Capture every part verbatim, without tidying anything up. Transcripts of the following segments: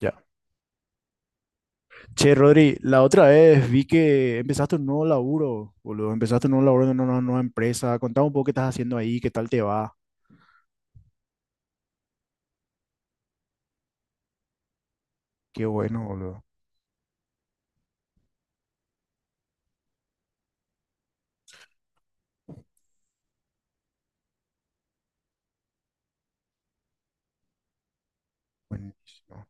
Ya. Che, Rodri, la otra vez vi que empezaste un nuevo laburo, boludo. Empezaste un nuevo laburo en una nueva nueva empresa. Contame un poco qué estás haciendo ahí, qué tal te va. Qué bueno, boludo. Buenísimo.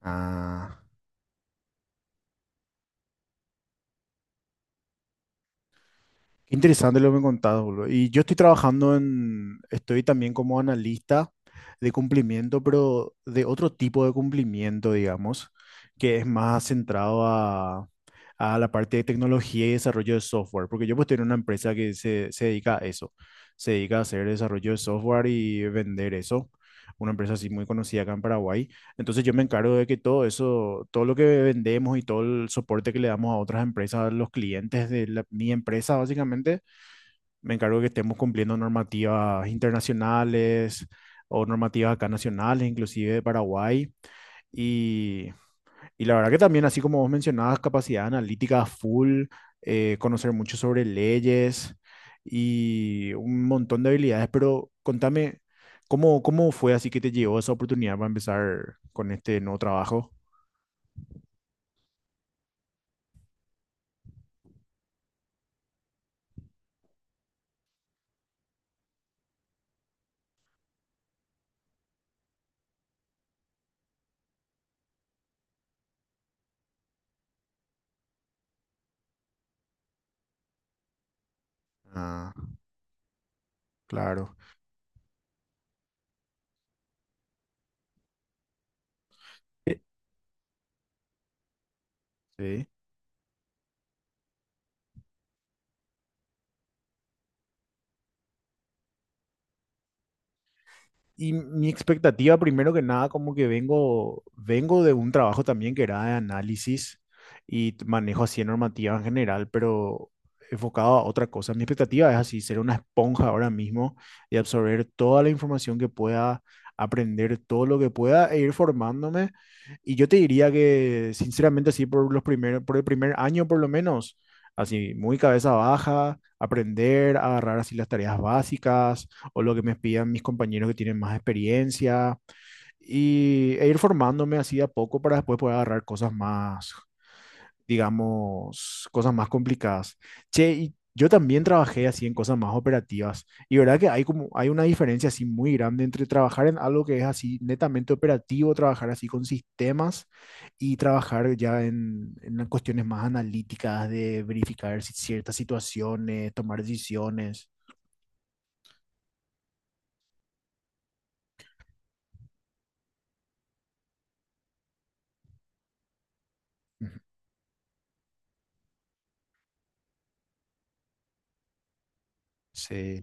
Ah. Qué interesante lo que me contás, boludo. Y yo estoy trabajando en, estoy también como analista de cumplimiento, pero de otro tipo de cumplimiento, digamos, que es más centrado a, a la parte de tecnología y desarrollo de software, porque yo pues estoy en una empresa que se, se dedica a eso, se dedica a hacer desarrollo de software y vender eso, una empresa así muy conocida acá en Paraguay, entonces yo me encargo de que todo eso, todo lo que vendemos y todo el soporte que le damos a otras empresas, a los clientes de la- mi empresa básicamente, me encargo de que estemos cumpliendo normativas internacionales o normativas acá nacionales, inclusive de Paraguay. Y y la verdad que también, así como vos mencionabas, capacidad analítica full, eh, conocer mucho sobre leyes y un montón de habilidades, pero contame, ¿cómo, cómo fue así que te llegó esa oportunidad para empezar con este nuevo trabajo? Ah, claro. Eh, Sí. Y mi expectativa, primero que nada, como que vengo, vengo de un trabajo también que era de análisis y t- manejo así de normativa en general, pero enfocado a otra cosa. Mi expectativa es así, ser una esponja ahora mismo y absorber toda la información que pueda, aprender todo lo que pueda e ir formándome. Y yo te diría que, sinceramente, así por los primeros, por el primer año por lo menos, así muy cabeza baja, aprender, agarrar así las tareas básicas o lo que me pidan mis compañeros que tienen más experiencia y, e ir formándome así de a poco para después poder agarrar cosas más, digamos, cosas más complicadas. Che, y yo también trabajé así en cosas más operativas y verdad que hay como hay una diferencia así muy grande entre trabajar en algo que es así netamente operativo, trabajar así con sistemas y trabajar ya en, en las cuestiones más analíticas de verificar si- ciertas situaciones, tomar decisiones. Ujú. Sí,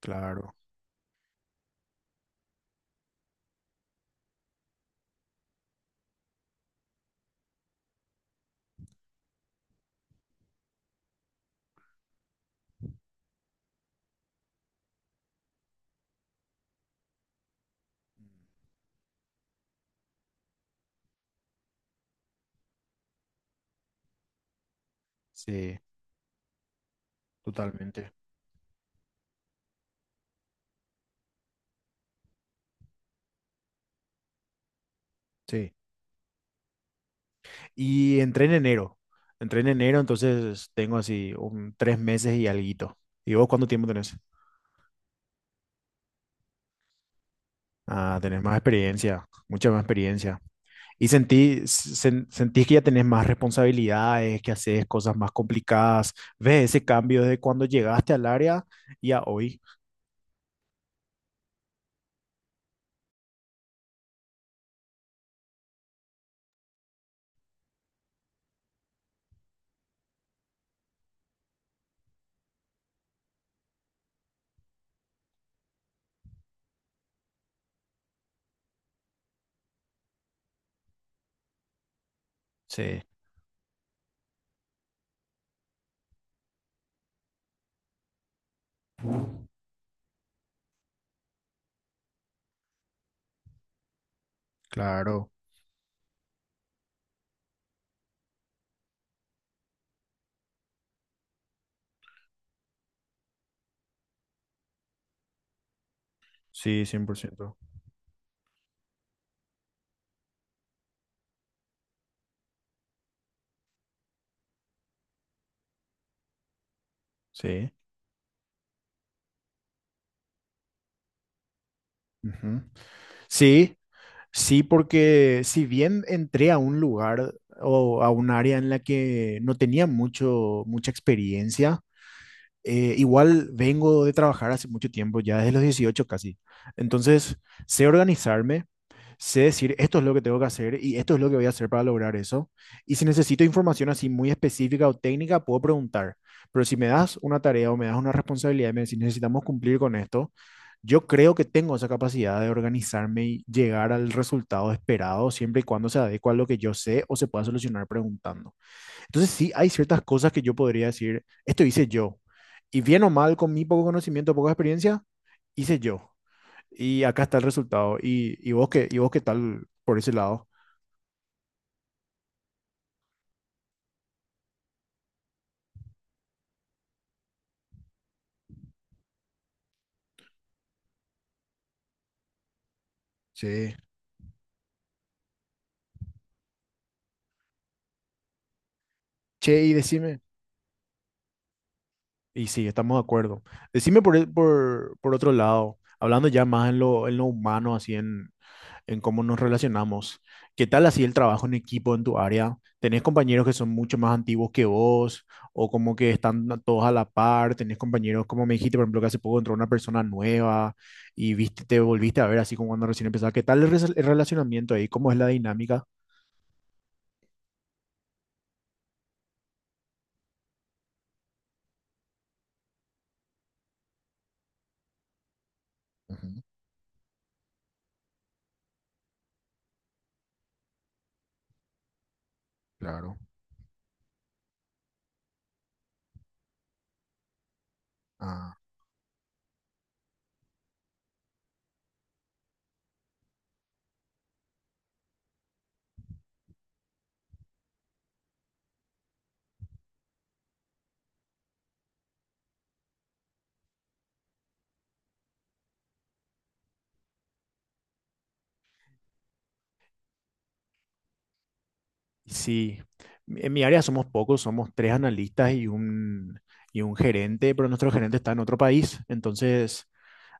claro. Sí, totalmente. Sí. Y entré en enero. Entré en enero, entonces tengo así un tres meses y alguito. ¿Y vos cuánto tiempo tenés? Ah, tenés más experiencia, mucha más experiencia. Y sentí, sen- sentís que ya tenés más responsabilidades, que haces cosas más complicadas. ¿Ves ese cambio de cuando llegaste al área y a hoy? Sí, claro. Sí, cien por ciento. Sí. Ujú. Sí, Sí, porque si bien entré a un lugar o a un área en la que no tenía mucho, mucha experiencia, eh, igual vengo de trabajar hace mucho tiempo, ya desde los dieciocho casi. Entonces, sé organizarme, sé decir esto es lo que tengo que hacer y esto es lo que voy a hacer para lograr eso. Y si necesito información así muy específica o técnica, puedo preguntar. Pero si me das una tarea o me das una responsabilidad y me decís necesitamos cumplir con esto, yo creo que tengo esa capacidad de organizarme y llegar al resultado esperado siempre y cuando se adecua a lo que yo sé o se pueda solucionar preguntando. Entonces sí, hay ciertas cosas que yo podría decir, esto hice yo. Y bien o mal, con mi poco conocimiento, poca experiencia, hice yo. Y acá está el resultado. ¿Y, y vos qué, y vos qué tal por ese lado? Sí. Che, y decime, y sí, estamos de acuerdo. Decime por, el- por, por otro lado, hablando ya más en lo, en lo humano, así en, en cómo nos relacionamos. ¿Qué tal así el trabajo en equipo en tu área? ¿Tenés compañeros que son mucho más antiguos que vos o como que están a- todos a la par? ¿Tenés compañeros, como me dijiste, por ejemplo, que hace poco entró una persona nueva y viste, te volviste a ver así como cuando recién empezaba? ¿Qué tal el, res- el relacionamiento ahí? ¿Cómo es la dinámica? Ujú. Claro. Ah. Sí, en mi área somos pocos, somos tres analistas y un, y un gerente, pero nuestro gerente está en otro país. Entonces,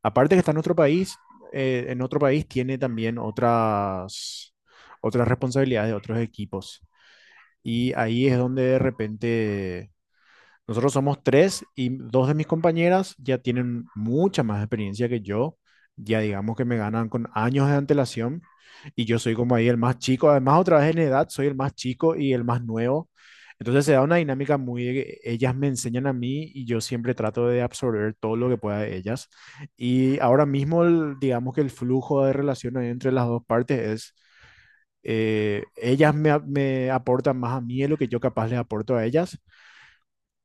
aparte que está en otro país, eh, en otro país tiene también otras, otras responsabilidades de otros equipos. Y ahí es donde de repente nosotros somos tres y dos de mis compañeras ya tienen mucha más experiencia que yo. Ya digamos que me ganan con años de antelación y yo soy como ahí el más chico. Además, otra vez en edad, soy el más chico y el más nuevo. Entonces se da una dinámica muy... de que ellas me enseñan a mí y yo siempre trato de absorber todo lo que pueda de ellas. Y ahora mismo, el- digamos que el flujo de relación ahí entre las dos partes es... eh, ellas me, a- me aportan más a mí de lo que yo capaz les aporto a ellas,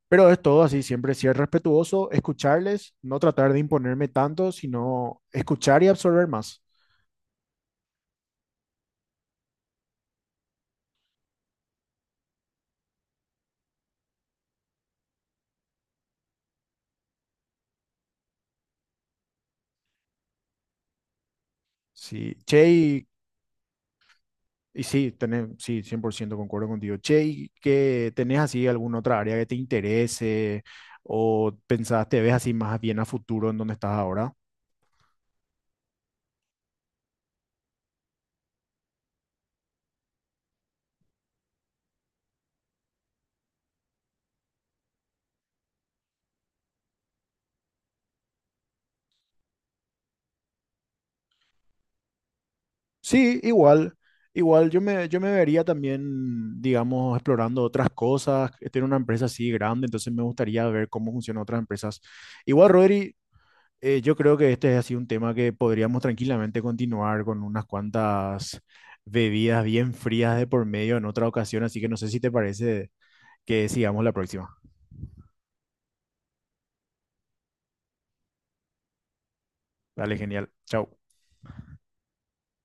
pero es todo así, siempre ser respetuoso, escucharles, no tratar de imponerme tanto, sino escuchar y absorber más. Sí, che, y, y sí, tenés, sí, cien por ciento concuerdo contigo. Che, ¿y que tenés así alguna otra área que te interese o pensás, te ves así más bien a futuro en donde estás ahora? Sí, igual, igual yo me, yo me vería también, digamos, explorando otras cosas. Estoy en una empresa así grande, entonces me gustaría ver cómo funcionan otras empresas. Igual, Rodri, Eh, yo creo que este es así un tema que podríamos tranquilamente continuar con unas cuantas bebidas bien frías de por medio en otra ocasión, así que no sé si te parece que sigamos la próxima. Dale, genial. Chao.